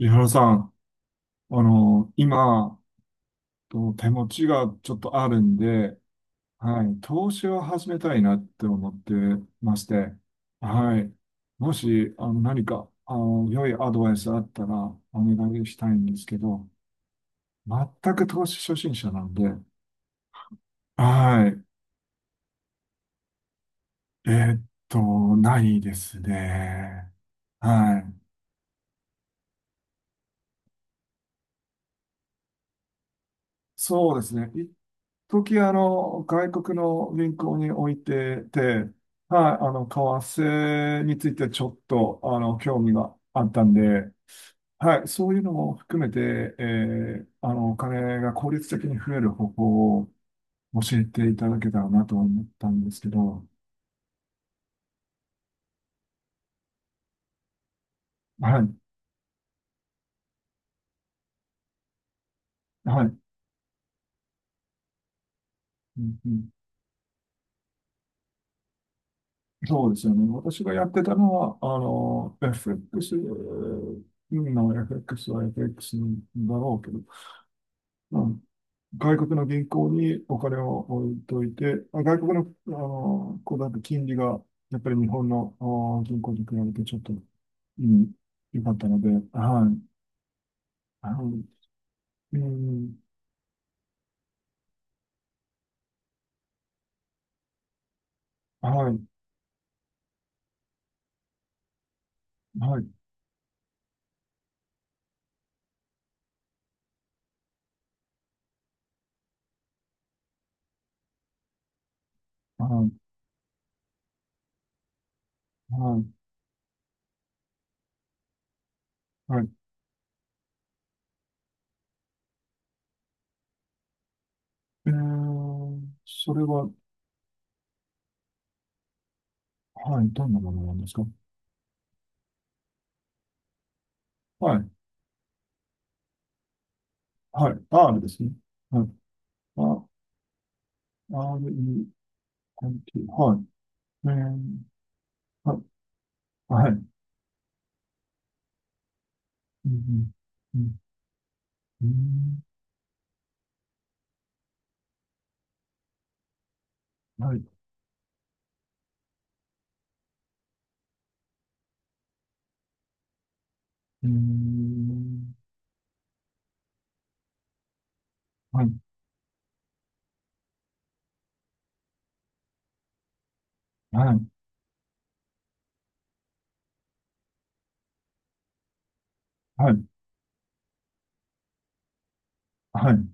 井原さん、今、と手持ちがちょっとあるんで、はい、投資を始めたいなって思ってまして。はい、もし、何か、良いアドバイスあったらお願いしたいんですけど。全く投資初心者なんで。はい。と、ないですね。はい。そうですね。時外国の銀行に置いてて、はい、為替についてちょっと、興味があったんで、はい、そういうのも含めて、お金が効率的に増える方法を教えていただけたらなと思ったんですけど。はい、はい、うんうん、そうですよね。私がやってたのは、FX の FX は FX だろうけど、外国の銀行にお金を置いといて、まあ外国の、こうだと金利が、やっぱり日本の、あ銀行に比べてちょっと、うん、良かったので、はい。あのうん、はい、はい、はい、はい、はい。えー、それは、はい、どんなものなんですか？はい、はい、R ですね。はい、あ r e t はい。えー、はい、はい。うん、うん、うん、はい。うーん。はい、はい、はい、はい。う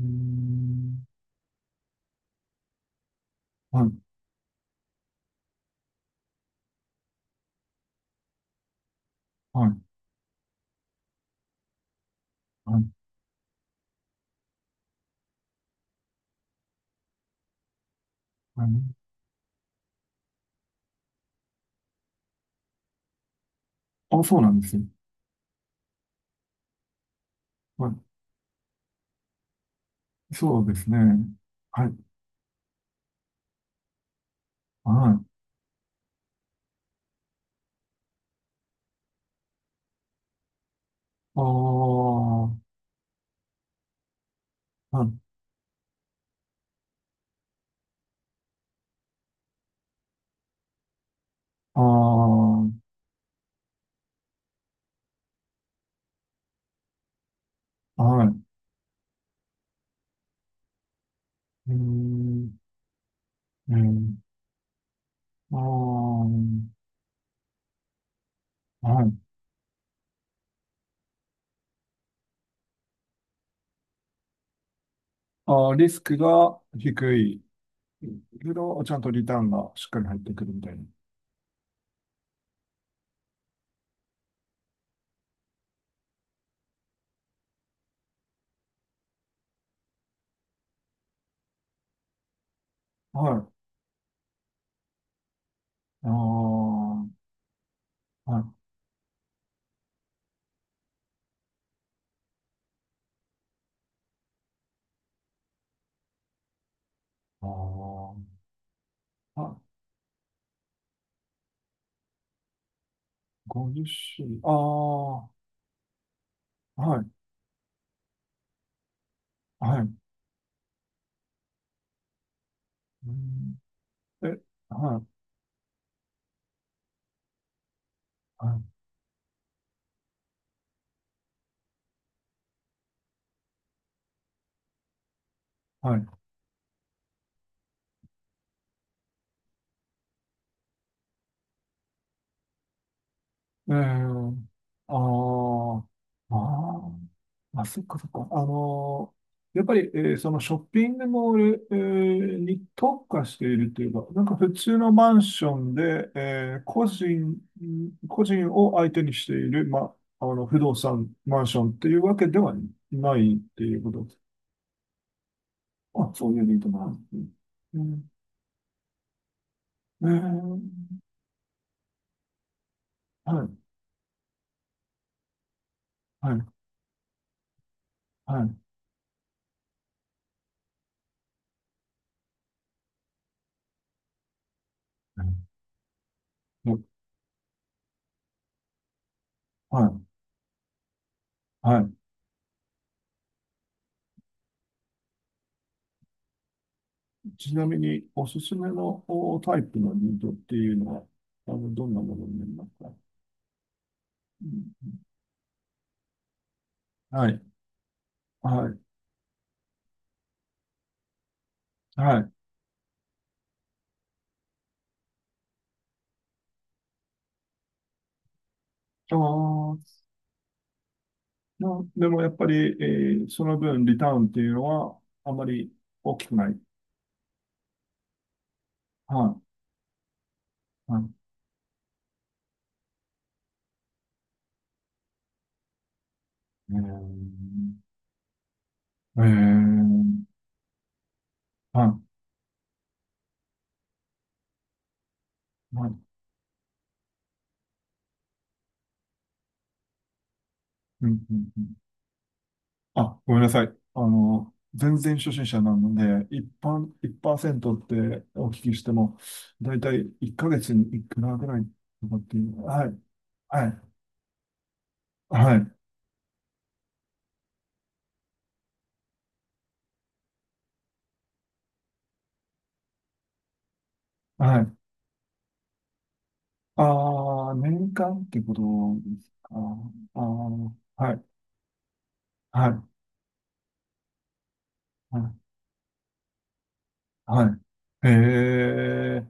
ーん。はい、はい、はい、はい。あ、そうなんですよ。はい。そうですね。はい、はい。ああ、はい、ああ、はい。うーん、うん。ああ、はい。ああ、リスクが低いけど、ちゃんとリターンがしっかり入ってくるみたいな。はい。ああ、はい。ああ、はい。50周ああ、はい、はい。うん、え、はい、はい、はい。えー、あーあー、あ、そっかそっか。やっぱり、そのショッピングモール、に特化しているというか、なんか普通のマンションで、個人を相手にしている、ま、不動産、マンションっていうわけではないっていうことです。あ、そういう理由なんですね。うんえーはい、はい、はい。うん、はい、はい。ちなみに、おすすめのおタイプのニートっていうのは、どんなものになりますか？うん。はい、はい、はい。あーまあ、でもやっぱり、その分、リターンっていうのは、あまり大きくない。はい、はい。えー、えー、はい、はい。うん、うん、うん。あ、ごめんなさい。全然初心者なので、一般、1%ってお聞きしても、だいたい1ヶ月にいくらぐらいとかっていう。はい、はい、はい、はい。ああ、年間ってことですか？ああ、はい、はい、はい、はい。へえ、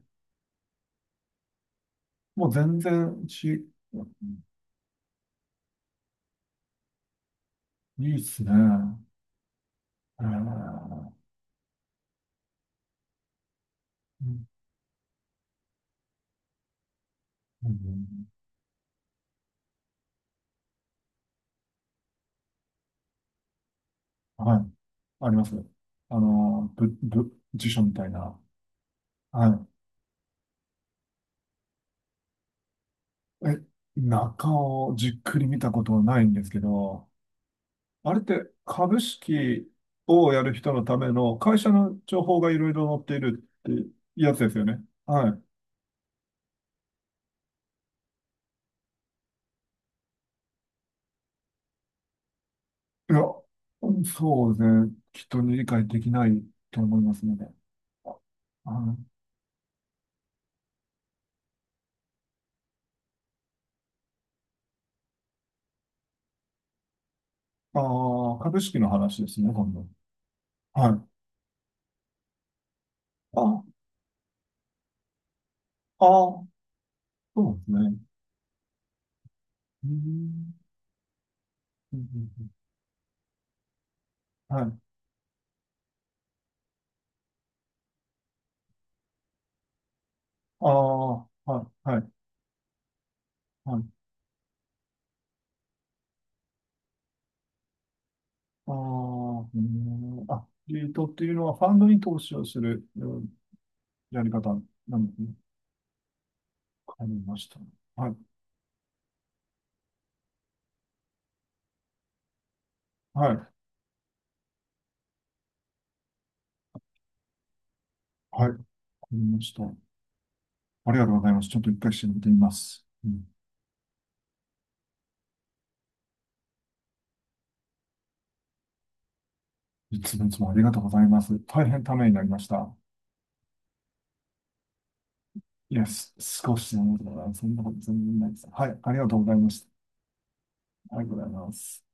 もう全然いいっすね。えーうんはい。ありますね。あの、ぶ、ぶ、辞書みたいな。はい。中をじっくり見たことはないんですけど、あれって株式をやる人のための会社の情報がいろいろ載っているってやつですよね。はい。いや、そうですね。きっと理解できないと思いますので。はい、ああ、株式の話ですね、今度。はい。あ、ああ、そうですね。うーんうんうんうんはい。ああ、はい、はい、はい。ああ、うん、あ、リートっていうのはファンドに投資をするやり方なんですね。わかりました。はい、はい、はい、わかりました。ありがとうございます。ちょっと一回調べてみます。うん、いつもいつもありがとうございます。大変ためになりました。いや、少しでも、そんなこと全然ないです。はい、ありがとうございました。ありがとうございます。